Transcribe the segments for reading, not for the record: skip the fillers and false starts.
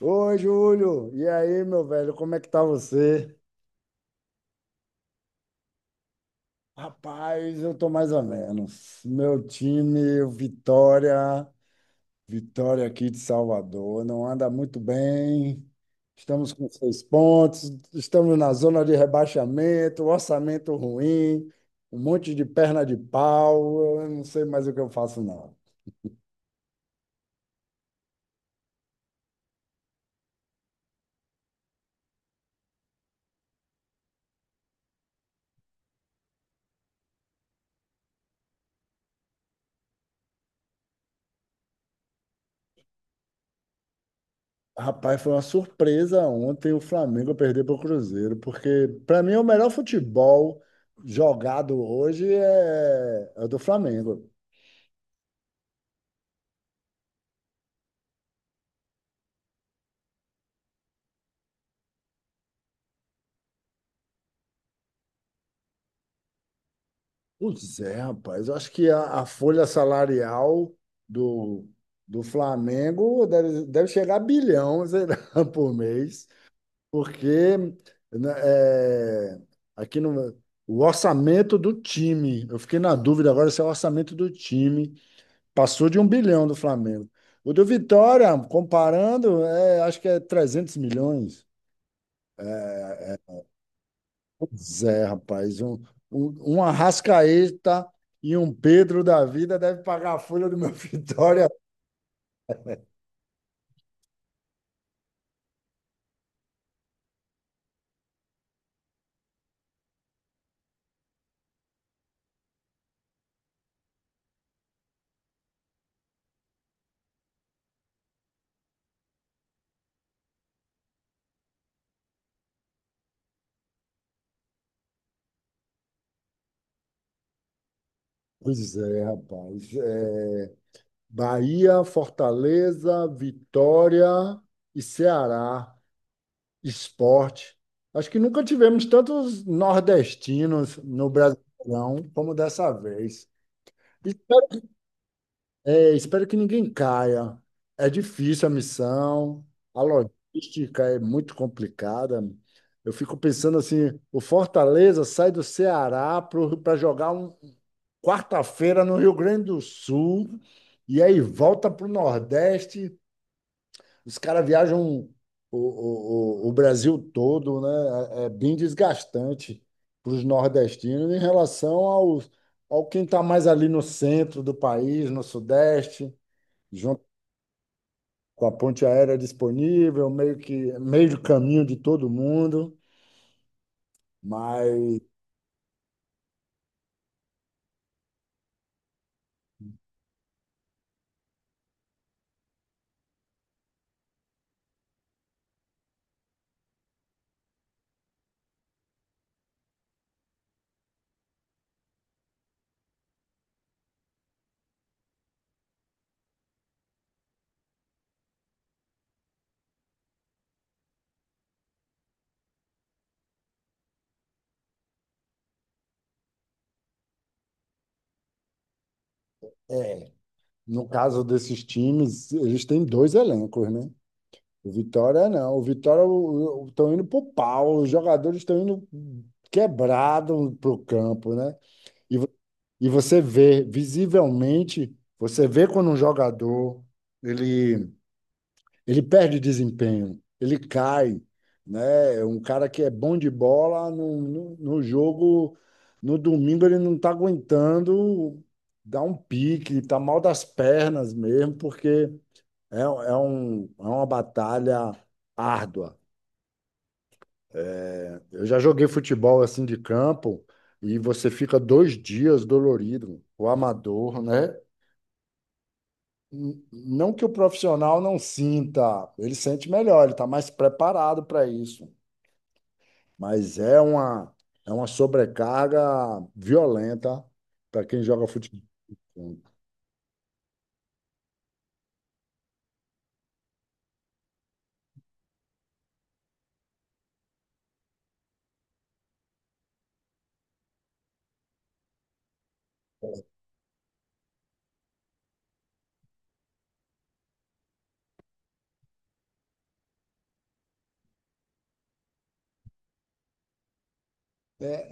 Oi, Júlio. E aí, meu velho, como é que tá você? Rapaz, eu tô mais ou menos. Meu time, o Vitória, Vitória aqui de Salvador, não anda muito bem. Estamos com 6 pontos, estamos na zona de rebaixamento, orçamento ruim, um monte de perna de pau. Eu não sei mais o que eu faço, não. Rapaz, foi uma surpresa ontem o Flamengo perder para o Cruzeiro, porque para mim o melhor futebol jogado hoje é o do Flamengo. Pois é, rapaz, eu acho que a folha salarial do, do Flamengo deve chegar a bilhão, sei lá, por mês, porque né, aqui no, o orçamento do time, eu fiquei na dúvida agora se é o orçamento do time passou de 1 bilhão do Flamengo. O do Vitória, comparando, acho que é 300 milhões. Pois é, rapaz. Um Arrascaeta e um Pedro da vida deve pagar a folha do meu Vitória. Pois é, rapaz. Bahia, Fortaleza, Vitória e Ceará. Esporte. Acho que nunca tivemos tantos nordestinos no Brasileirão como dessa vez. Espero que ninguém caia. É difícil a missão, a logística é muito complicada. Eu fico pensando assim, o Fortaleza sai do Ceará para jogar um quarta-feira no Rio Grande do Sul e aí volta para o Nordeste. Os caras viajam o Brasil todo, né? É bem desgastante para os nordestinos em relação ao quem está mais ali no centro do país, no Sudeste com a ponte aérea disponível, meio que meio do caminho de todo mundo. Mas é, no caso desses times, eles têm dois elencos, né? O Vitória não. O Vitória estão indo pro pau, os jogadores estão indo quebrados pro campo, né? E, vo- e você vê, visivelmente, você vê quando um jogador ele Ele perde desempenho, ele cai, né? É um cara que é bom de bola no jogo, no domingo ele não está aguentando dar um pique, está mal das pernas mesmo, porque é uma batalha árdua. Eu já joguei futebol assim de campo e você fica 2 dias dolorido, o amador, né? Não que o profissional não sinta, ele sente melhor, ele está mais preparado para isso. Mas é uma sobrecarga violenta para quem joga futebol.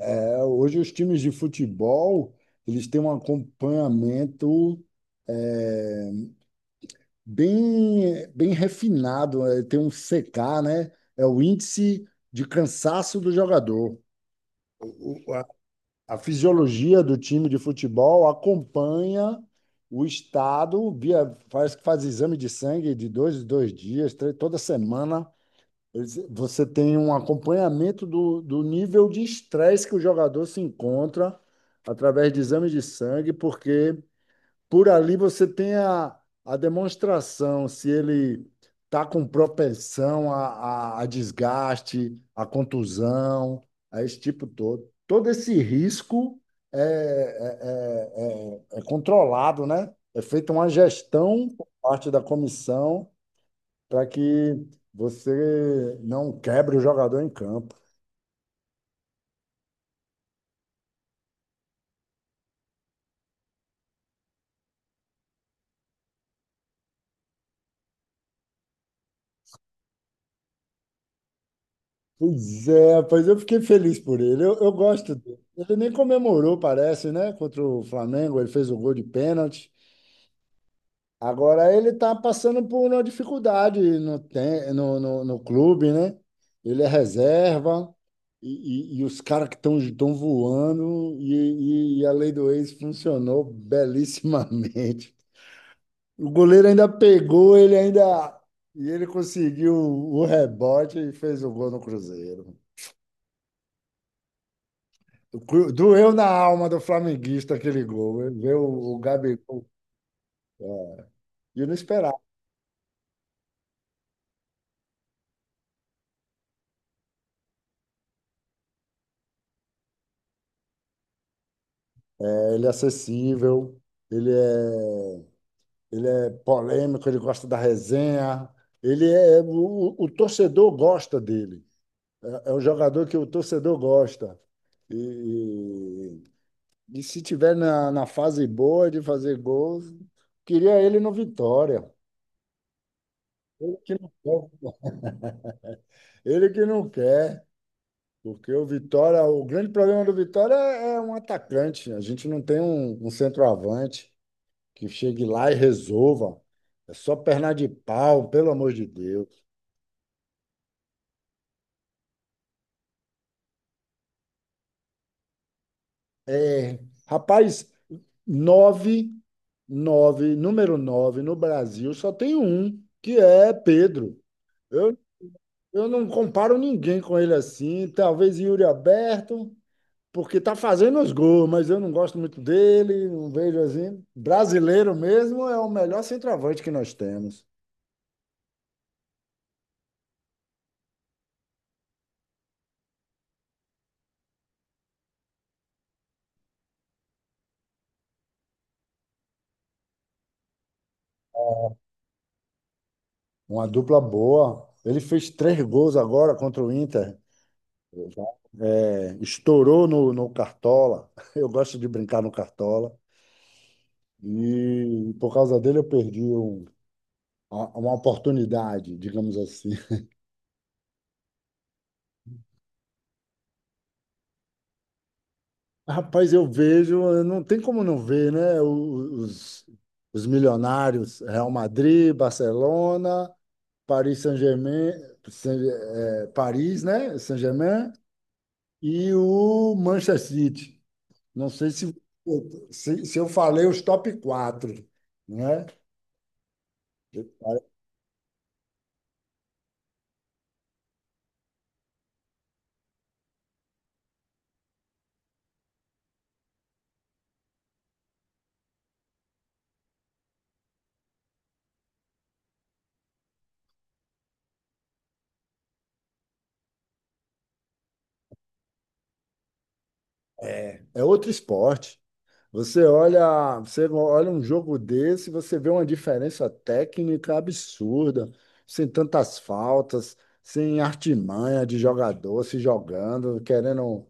Hoje os times de futebol, eles têm um acompanhamento bem refinado, tem um CK, né? É o índice de cansaço do jogador. A a fisiologia do time de futebol acompanha o estado, faz exame de sangue de 2 em 2 dias, toda semana. Você tem um acompanhamento do nível de estresse que o jogador se encontra através de exames de sangue, porque por ali você tem a demonstração se ele está com propensão a desgaste, a contusão, a esse tipo todo. Todo esse risco é controlado, né? É feita uma gestão por parte da comissão para que você não quebre o jogador em campo. Pois é, rapaz, eu fiquei feliz por ele. Eu gosto dele. Ele nem comemorou, parece, né? Contra o Flamengo, ele fez o gol de pênalti. Agora ele está passando por uma dificuldade no clube, né? Ele é reserva e os caras que estão voando e a lei do ex funcionou belíssimamente. O goleiro ainda pegou, ele ainda. E ele conseguiu o rebote e fez o gol no Cruzeiro. Doeu na alma do flamenguista aquele gol. Ele vê o Gabigol. É, E eu não esperava. Ele é acessível, ele é, ele é polêmico, ele gosta da resenha. Ele é. O torcedor gosta dele. É um jogador que o torcedor gosta. E, E se tiver na fase boa de fazer gols, queria ele no Vitória. Ele que não quer. Ele que não quer. Porque o Vitória, o grande problema do Vitória é um atacante. A gente não tem um centroavante que chegue lá e resolva. É só perna de pau, pelo amor de Deus. É, Rapaz, nove, número 9 no Brasil só tem um, que é Pedro. Eu Eu não comparo ninguém com ele assim. Talvez Yuri Alberto, porque tá fazendo os gols, mas eu não gosto muito dele, não vejo assim. Brasileiro mesmo é o melhor centroavante que nós temos. Uma dupla boa. Ele fez 3 gols agora contra o Inter. Estourou no Cartola. Eu gosto de brincar no Cartola. E por causa dele eu perdi uma oportunidade, digamos assim. Rapaz, eu vejo, não tem como não ver, né? Os milionários, Real Madrid, Barcelona, Paris Saint-Germain, Paris, né? Saint-Germain e o Manchester City. Não sei se eu falei os top quatro, né? É outro esporte. Você olha um jogo desse, você vê uma diferença técnica absurda, sem tantas faltas, sem artimanha de jogador se jogando, querendo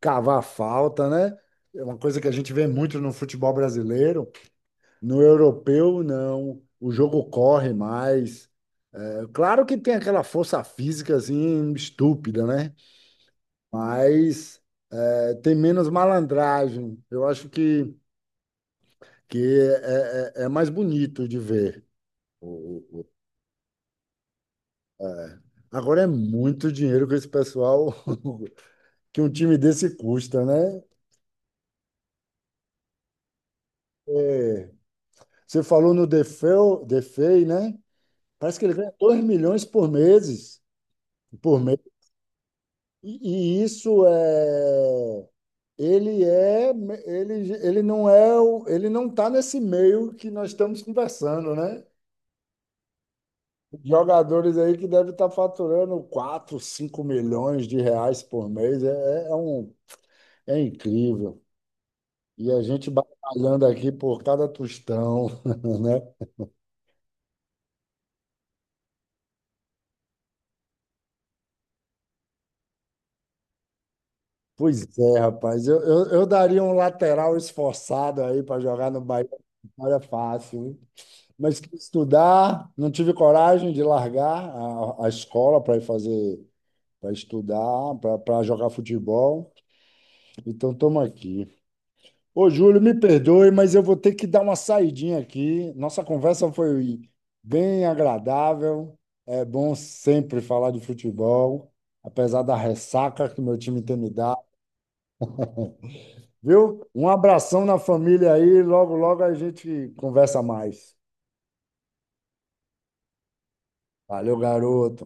cavar falta, né? É uma coisa que a gente vê muito no futebol brasileiro. No europeu, não. O jogo corre mais. É claro que tem aquela força física assim estúpida, né? Mas tem menos malandragem. Eu acho que é mais bonito de ver. O- o- o- Agora é muito dinheiro que esse pessoal, que um time desse custa, né? Você falou no Defeu, Defei, né? Parece que ele ganha 2 milhões por meses, por mês. E ele é ele, ele não é o- ele não está nesse meio que nós estamos conversando, né? Jogadores aí que devem estar faturando 4, 5 milhões de reais por mês. É incrível. E a gente batalhando aqui por cada tostão, né? Pois é, rapaz. Eu daria um lateral esforçado aí para jogar no Bahia. Não era fácil, hein? Mas quis estudar, não tive coragem de largar a escola para estudar, para jogar futebol. Então, estamos aqui. Ô, Júlio, me perdoe, mas eu vou ter que dar uma saidinha aqui. Nossa conversa foi bem agradável. É bom sempre falar de futebol, apesar da ressaca que meu time tem me dado, viu? Um abração na família aí, logo, logo a gente conversa mais. Valeu, garoto.